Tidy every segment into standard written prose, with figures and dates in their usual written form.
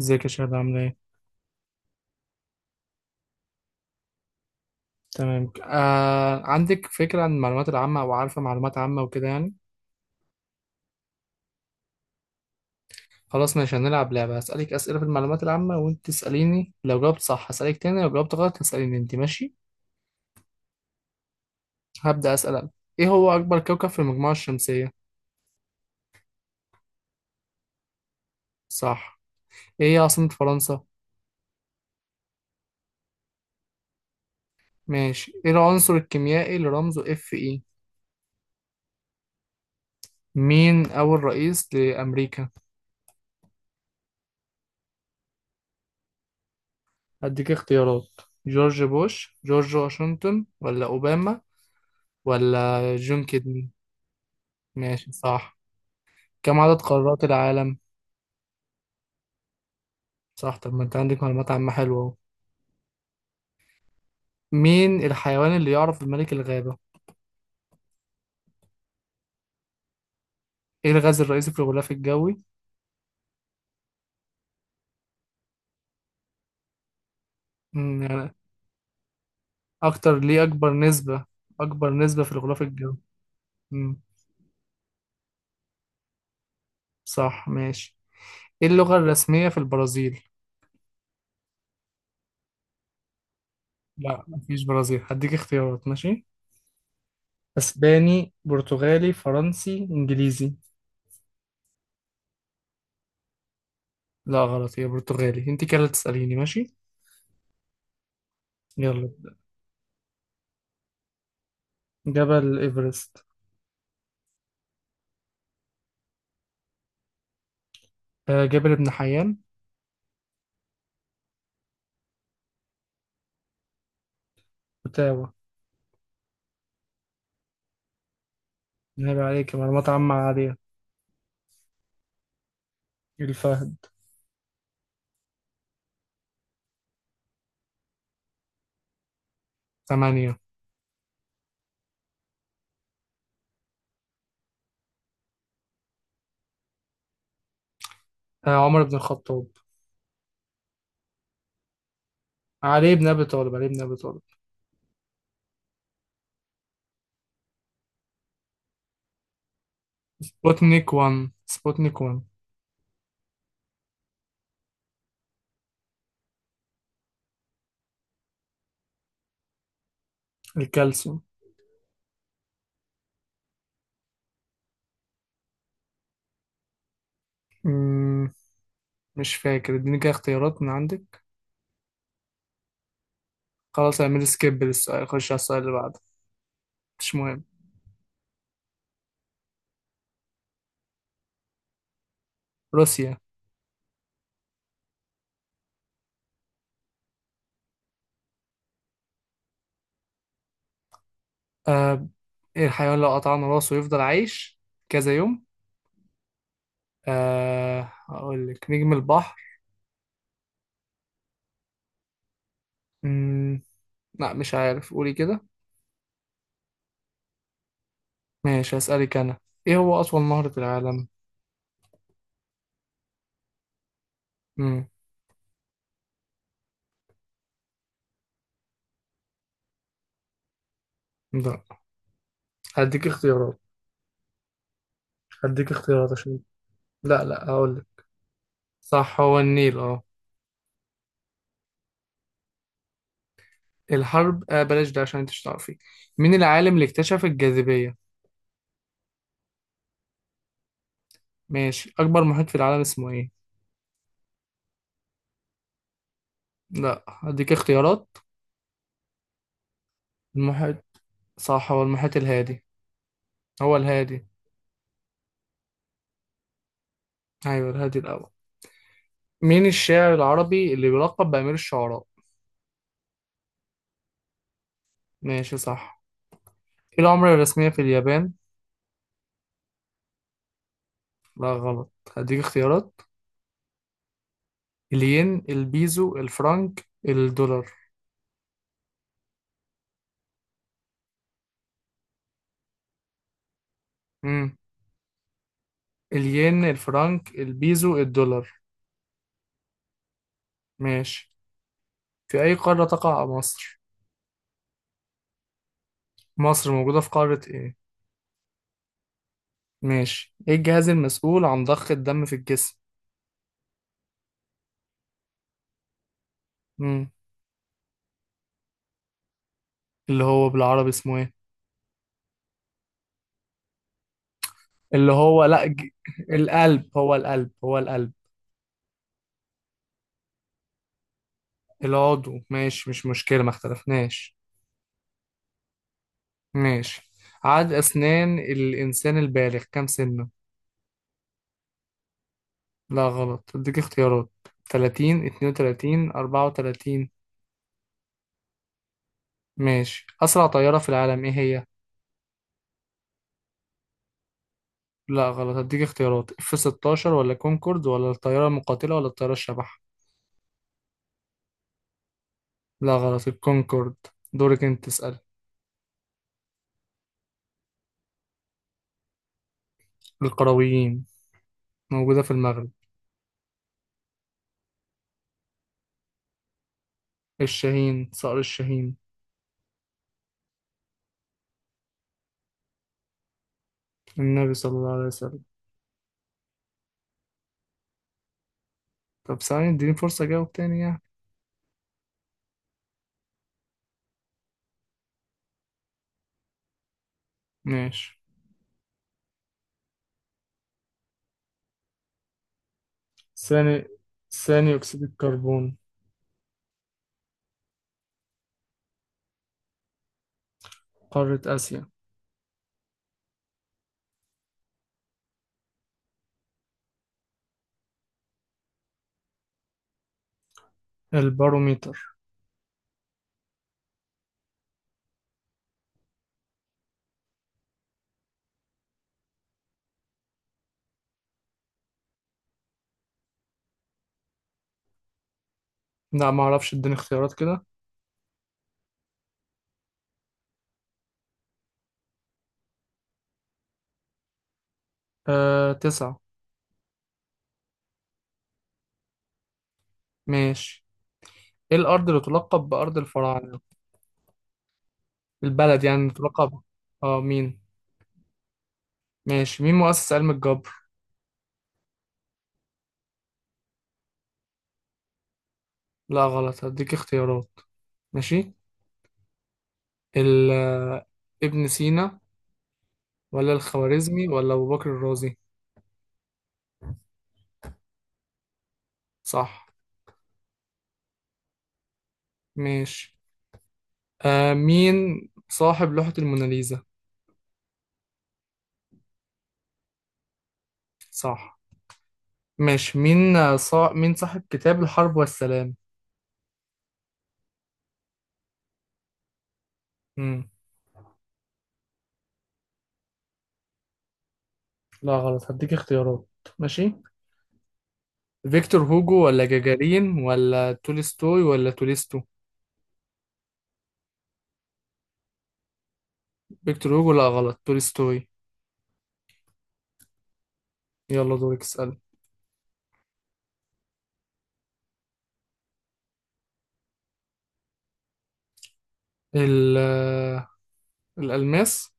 ازيك يا شهد عاملة ايه؟ تمام عندك فكرة عن المعلومات العامة أو عارفة معلومات عامة وكده يعني؟ خلاص ماشي هنلعب لعبة هسألك أسئلة في المعلومات العامة وأنت تسأليني لو جاوبت صح هسألك تاني لو جاوبت غلط هتسأليني أنت ماشي؟ هبدأ أسأل أنا. ايه هو أكبر كوكب في المجموعة الشمسية؟ صح. ايه هي عاصمة فرنسا؟ ماشي. ايه العنصر الكيميائي اللي رمزه اف اي؟ مين أول رئيس لأمريكا؟ هديك اختيارات: جورج بوش، جورج واشنطن ولا أوباما، ولا جون كيدني؟ ماشي صح. كم عدد قارات العالم؟ صح، طب ما انت عندك معلومات عامة حلوة اهو. مين الحيوان اللي يعرف بملك الغابة؟ ايه الغاز الرئيسي في الغلاف الجوي؟ يعني اكتر ليه اكبر نسبة؟ اكبر نسبة في الغلاف الجوي. مم، صح ماشي. ايه اللغة الرسمية في البرازيل؟ لا مفيش برازيل، هديك اختيارات ماشي. اسباني، برتغالي، فرنسي، انجليزي. لا غلط، هي برتغالي. انت كده اللي تسأليني ماشي. يلا. جبل ايفرست. جبل ابن حيان. اوتاوا. عيب عليك، معلومات عامة عالية. الفهد. ثمانية. عمر بن الخطاب. علي بن أبي طالب، علي بن أبي طالب. سبوتنيك 1، سبوتنيك 1. الكالسيوم. مم. مش فاكر، اديني كده اختيارات من عندك. خلاص اعمل سكيب للسؤال، خش على السؤال اللي بعده. مش مهم. روسيا. آه ايه الحيوان لو قطعنا راسه يفضل عايش كذا يوم. هقول لك نجم البحر. مم. لا مش عارف، قولي كده. ماشي هسألك أنا. ايه هو أطول نهر في العالم؟ مم. ده هديك اختيارات. هديك اختيارات عشان. لا لا هقول لك. صح هو النيل اه. الحرب بلاش ده عشان انت مش تعرفي. مين العالم اللي اكتشف الجاذبية؟ ماشي. أكبر محيط في العالم اسمه ايه؟ لا هديك اختيارات. المحيط. صح هو المحيط الهادي. هو الهادي. أيوه الهادي الأول. مين الشاعر العربي اللي بيلقب بأمير الشعراء؟ ماشي صح. ايه العملة الرسمية في اليابان؟ لا غلط، هديك اختيارات: الين، البيزو، الفرنك، الدولار. امم. الين، الفرنك، البيزو، الدولار. ماشي. في أي قارة تقع مصر؟ مصر موجودة في قارة إيه؟ ماشي. إيه الجهاز المسؤول عن ضخ الدم في الجسم؟ مم. اللي هو بالعربي اسمه إيه؟ اللي هو لأ القلب هو القلب هو القلب. العضو ماشي، مش مشكلة، ما اختلفناش. ماشي. عدد أسنان الإنسان البالغ كام سنة؟ لا غلط، أديك اختيارات: 30، 32، 34. ماشي. أسرع طيارة في العالم إيه هي؟ لا غلط، هديك اختيارات: اف 16، ولا كونكورد، ولا الطيارة المقاتلة، ولا الطيارة الشبح. لا غلط، الكونكورد. دورك انت تسأل. القرويين، موجودة في المغرب. الشاهين، صقر الشاهين. النبي صلى الله عليه وسلم. طب ثانية اديني فرصة اجاوب تاني يعني. ماشي. ثاني. ثاني اكسيد الكربون. قارة اسيا. الباروميتر. لا معرفش، اديني اختيارات كده. تسعة. ماشي. ايه الارض اللي تلقب بارض الفراعنة؟ البلد يعني اللي تلقب. اه مين. ماشي. مين مؤسس علم الجبر؟ لا غلط، هديك اختيارات. ماشي. ال آه، ابن سينا ولا الخوارزمي ولا أبو بكر الرازي. صح. ماشي. مين صاحب لوحة الموناليزا؟ صح. ماشي مين، مين صاحب كتاب الحرب والسلام؟ مم. لا غلط، هديك اختيارات. ماشي. فيكتور هوجو ولا جاجارين ولا تولستوي ولا تولستو. فيكتور هوجو، لا غلط، تولستوي. يلا دورك اسأل. ال... آه، الألماس.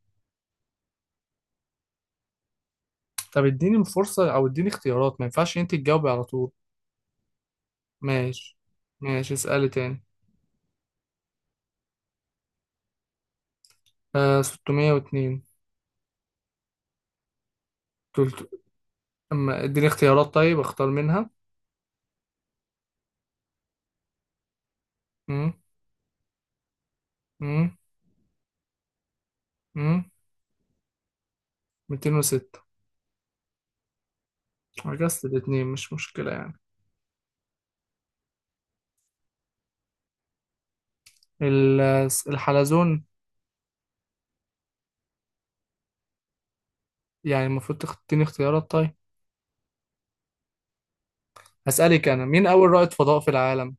طب اديني فرصة او اديني اختيارات، ما ينفعش انت تجاوبي على طول. ماشي. ماشي اسألي تاني. 602. تلت... اما اديني اختيارات طيب اختار منها. مم. مم. مم. 206. عجزت الاتنين، مش مشكلة يعني. الحلزون. يعني المفروض تديني اختيارات طيب. هسألك انا مين اول رائد فضاء في العالم.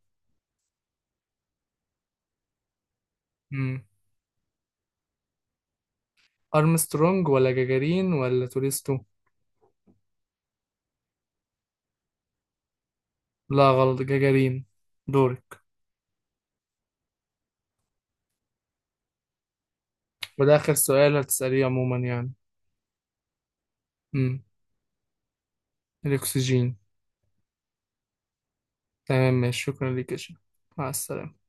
مم. ارمسترونج ولا جاجارين ولا توريستو. لا غلط، جاجارين. دورك. وده اخر سؤال هتسأليه عموما يعني. الأكسجين. تمام ماشي، شكرا ليك يا شيخ. مع السلامة.